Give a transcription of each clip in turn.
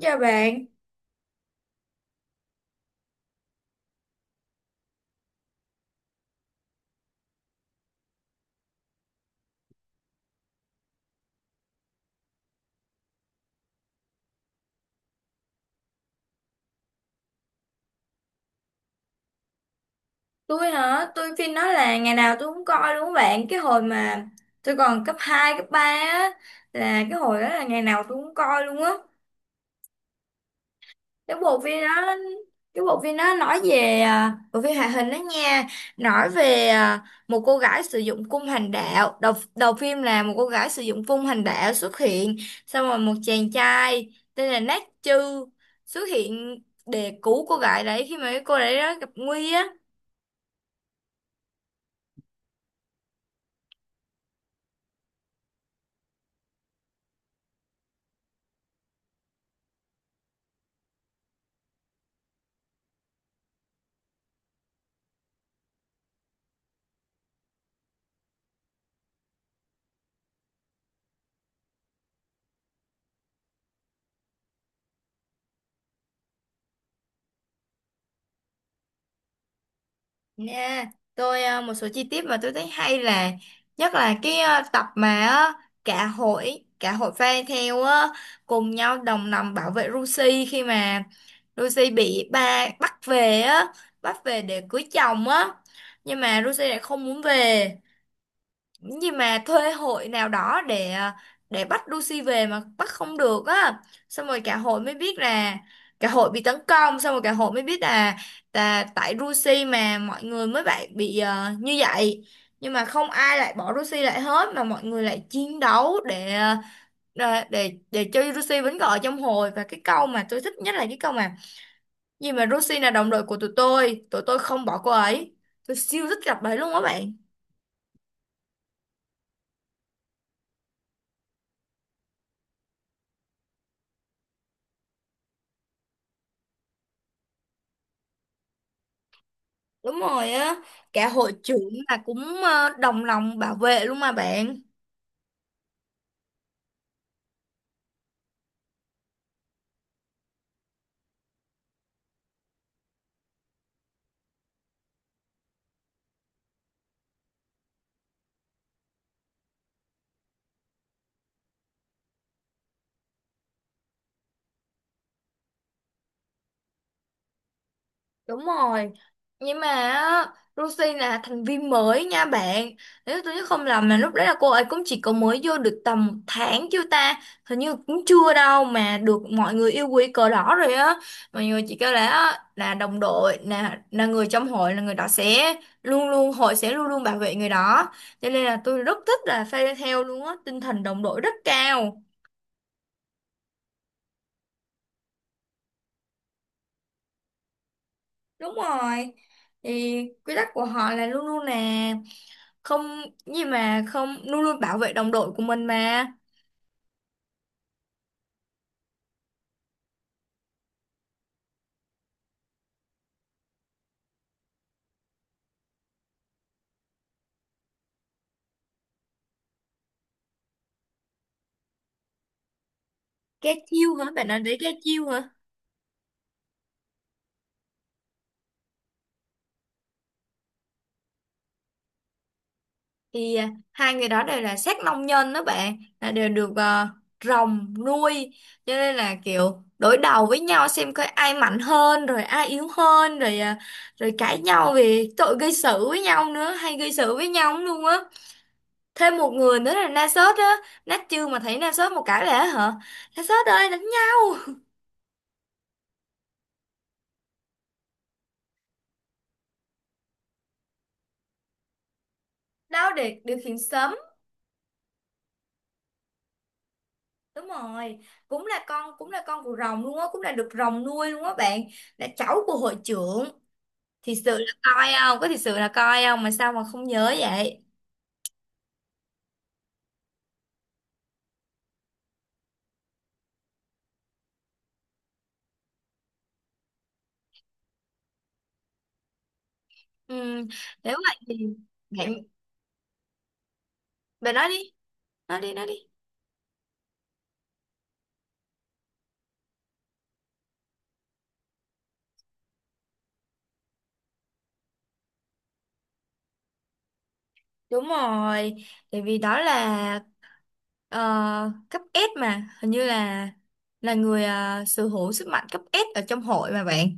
Chào bạn, tôi hả? Tôi phim nói là ngày nào tôi cũng coi đúng không bạn? Cái hồi mà tôi còn cấp 2, cấp 3 á là cái hồi đó là ngày nào tôi cũng coi luôn á. Cái bộ phim đó cái bộ phim đó nói về bộ phim hoạt hình đó nha, nói về một cô gái sử dụng cung hành đạo. Đầu đầu phim là một cô gái sử dụng cung hành đạo xuất hiện, xong rồi một chàng trai tên là Nát Chư xuất hiện để cứu cô gái đấy khi mà cái cô đấy đó gặp nguy á. Nha, tôi một số chi tiết mà tôi thấy hay là nhất là cái tập mà cả hội fan theo cùng nhau đồng lòng bảo vệ Lucy khi mà Lucy bị ba bắt về á, bắt về để cưới chồng á. Nhưng mà Lucy lại không muốn về, nhưng mà thuê hội nào đó để để bắt Lucy về mà bắt không được á, xong rồi cả hội mới biết là cả hội bị tấn công, xong rồi cả hội mới biết là tại Lucy mà mọi người mới bị như vậy, nhưng mà không ai lại bỏ Lucy lại hết mà mọi người lại chiến đấu để để cho Lucy vẫn còn ở trong hội. Và cái câu mà tôi thích nhất là cái câu mà gì mà Lucy là đồng đội của tụi tôi, tụi tôi không bỏ cô ấy. Tôi siêu thích gặp đấy luôn á bạn. Đúng rồi á, cả hội trưởng là cũng đồng lòng bảo vệ luôn mà bạn. Đúng rồi, nhưng mà á, Rosie là thành viên mới nha bạn. Nếu tôi nhớ không lầm mà lúc đấy là cô ấy cũng chỉ có mới vô được tầm 1 tháng chưa ta. Hình như cũng chưa đâu mà được mọi người yêu quý cờ đỏ rồi á. Mọi người chỉ kêu là á, là đồng đội, là người trong hội là người đó sẽ luôn luôn hội sẽ luôn luôn bảo vệ người đó. Cho nên là tôi rất thích là phe theo luôn á, tinh thần đồng đội rất cao. Đúng rồi. Thì quy tắc của họ là luôn luôn là không, gì mà không luôn luôn bảo vệ đồng đội của mình mà. Cái chiêu hả? Bạn nói đấy cái chiêu hả? Thì hai người đó đều là sát nông nhân đó bạn, là đều được rồng nuôi, cho nên là kiểu đối đầu với nhau xem coi ai mạnh hơn rồi ai yếu hơn, rồi rồi cãi nhau về tội gây sự với nhau nữa, hay gây sự với nhau lắm luôn á. Thêm một người nữa là Nasus á. Nát chưa mà thấy Nasus một cái lẽ hả, Nasus ơi đánh nhau, đau để điều khiển sớm, đúng rồi. Cũng là con của rồng luôn á, cũng là được rồng nuôi luôn á bạn, là cháu của hội trưởng. Thì sự là coi không có, thì sự là coi không mà sao mà không nhớ vậy. Ừ, nếu vậy thì bạn, bạn nói đi nói đi. Đúng rồi, tại vì đó là ờ, cấp S mà, hình như là người sở hữu sức mạnh cấp S ở trong hội mà bạn.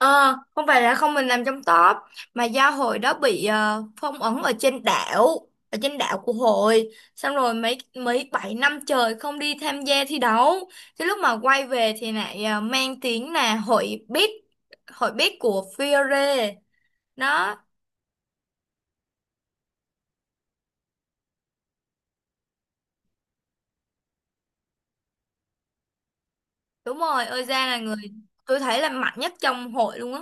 Ờ, không phải là không mình làm trong top, mà do hội đó bị phong ấn ở trên đảo của hội, xong rồi mấy mấy 7 năm trời không đi tham gia thi đấu. Cái lúc mà quay về thì lại mang tiếng là hội biết của Fiore. Nó... Đúng rồi, Oza là người tôi thấy là mạnh nhất trong hội luôn á.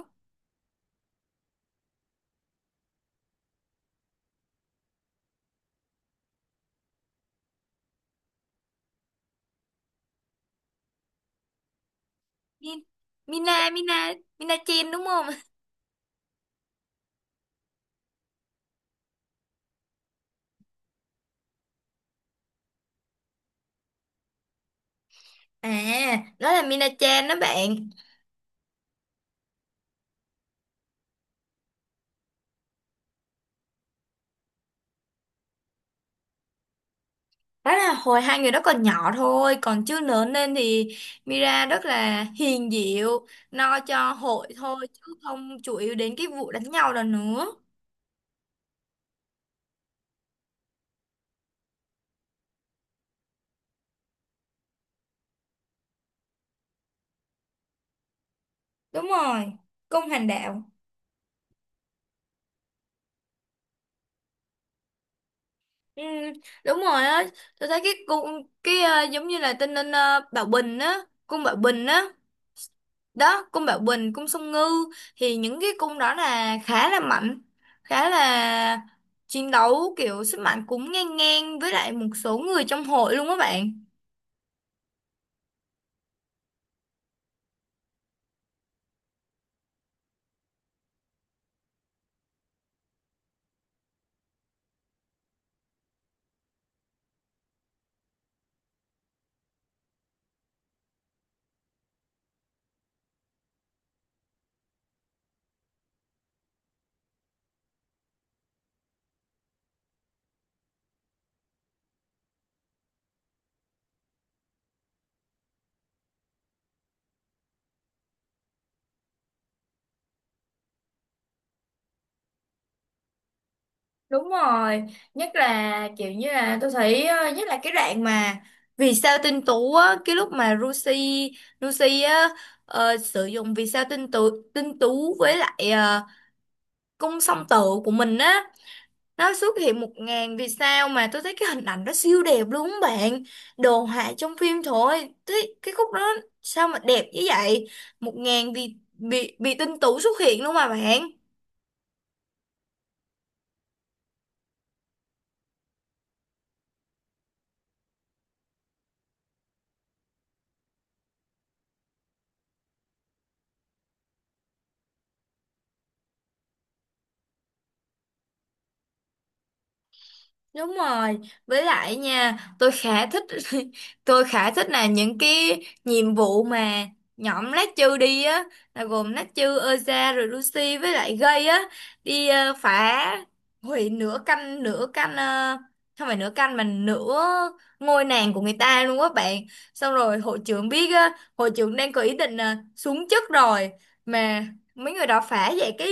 Min- Mina, Mina, Mina Chen đúng không? À, đó là Mina Chen đó bạn. Đó là hồi hai người đó còn nhỏ thôi, còn chưa lớn lên thì Mira rất là hiền dịu, lo cho hội thôi chứ không chủ yếu đến cái vụ đánh nhau đó nữa. Đúng rồi, công hành đạo. Ừ, đúng rồi á, tôi thấy cái cung, cái giống như là tên nên Bảo Bình á, cung Bảo Bình á, đó cung Bảo Bình, cung Song Ngư, thì những cái cung đó là khá là mạnh, khá là chiến đấu kiểu sức mạnh cũng ngang ngang với lại một số người trong hội luôn á bạn. Đúng rồi, nhất là kiểu như là tôi thấy nhất là cái đoạn mà vì sao tinh tú á, cái lúc mà Lucy, Lucy á sử dụng vì sao tinh tú, với lại cung song tử của mình á, nó xuất hiện 1.000 vì sao mà tôi thấy cái hình ảnh đó siêu đẹp luôn á bạn, đồ họa trong phim thôi thấy cái khúc đó sao mà đẹp như vậy, 1.000 vì bị tinh tú xuất hiện luôn mà bạn. Đúng rồi, với lại nha, tôi khá thích tôi khá thích là những cái nhiệm vụ mà nhóm lát chư đi á, là gồm lát chư, Eza rồi Lucy với lại Gây á, đi phá hủy nửa canh, không phải nửa canh mà nửa ngôi nàng của người ta luôn á bạn. Xong rồi hội trưởng biết á, hội trưởng đang có ý định xuống chức rồi mà mấy người đó phá vậy, cái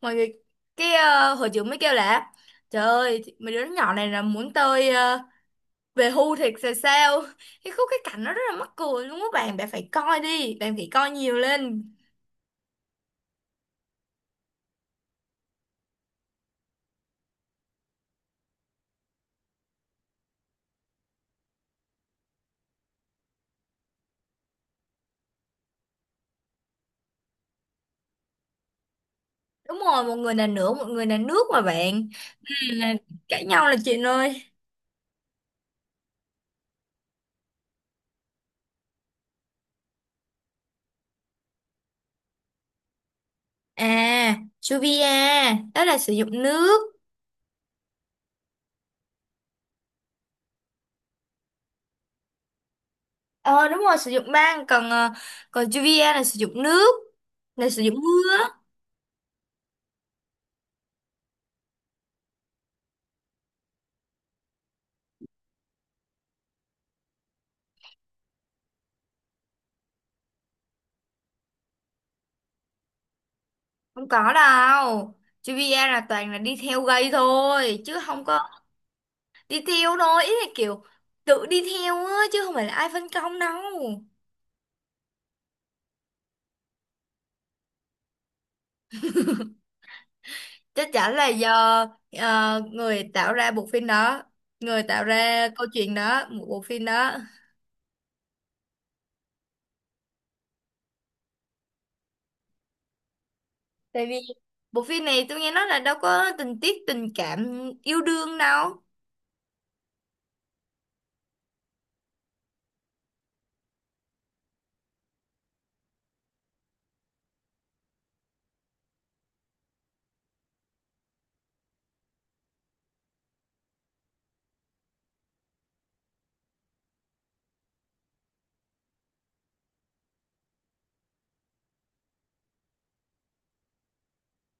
mọi người, cái hội trưởng mới kêu là: Trời ơi, thì- mấy đứa nhỏ này là muốn tôi về hưu thiệt rồi sao? Cái khúc cái cảnh nó rất là mắc cười luôn á bạn, bạn phải coi đi, bạn phải coi nhiều lên. Đúng rồi, một người là nửa, một người là nước mà bạn. Ừ, là cãi nhau là chuyện ơi. À, Juvia, đó là sử dụng nước. Ờ đúng rồi, sử dụng băng, còn còn Juvia là sử dụng nước, là sử dụng mưa. Không có đâu. Juvia là toàn là đi theo gây thôi, chứ không có, đi theo thôi, ý là kiểu tự đi theo á chứ không phải là ai phân công đâu. Chắc chắn là do người tạo ra bộ phim đó, người tạo ra câu chuyện đó, một bộ phim đó. Tại vì bộ phim này tôi nghe nói là đâu có tình tiết tình cảm yêu đương đâu.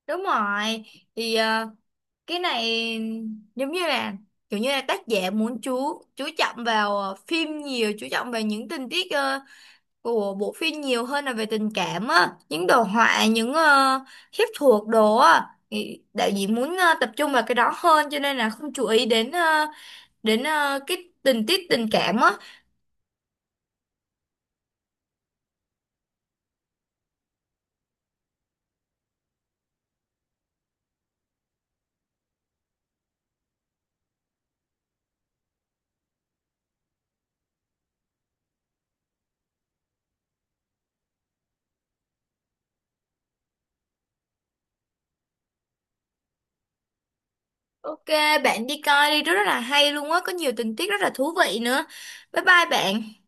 Đúng rồi, thì cái này giống như là kiểu như là tác giả muốn chú trọng vào phim, nhiều chú trọng vào những tình tiết của bộ phim nhiều hơn là về tình cảm á, những đồ họa, những phép thuật đồ á, thì đạo diễn muốn tập trung vào cái đó hơn cho nên là không chú ý đến đến cái tình tiết tình cảm á. Ok, bạn đi coi đi, rất là hay luôn á, có nhiều tình tiết rất là thú vị nữa. Bye bye bạn.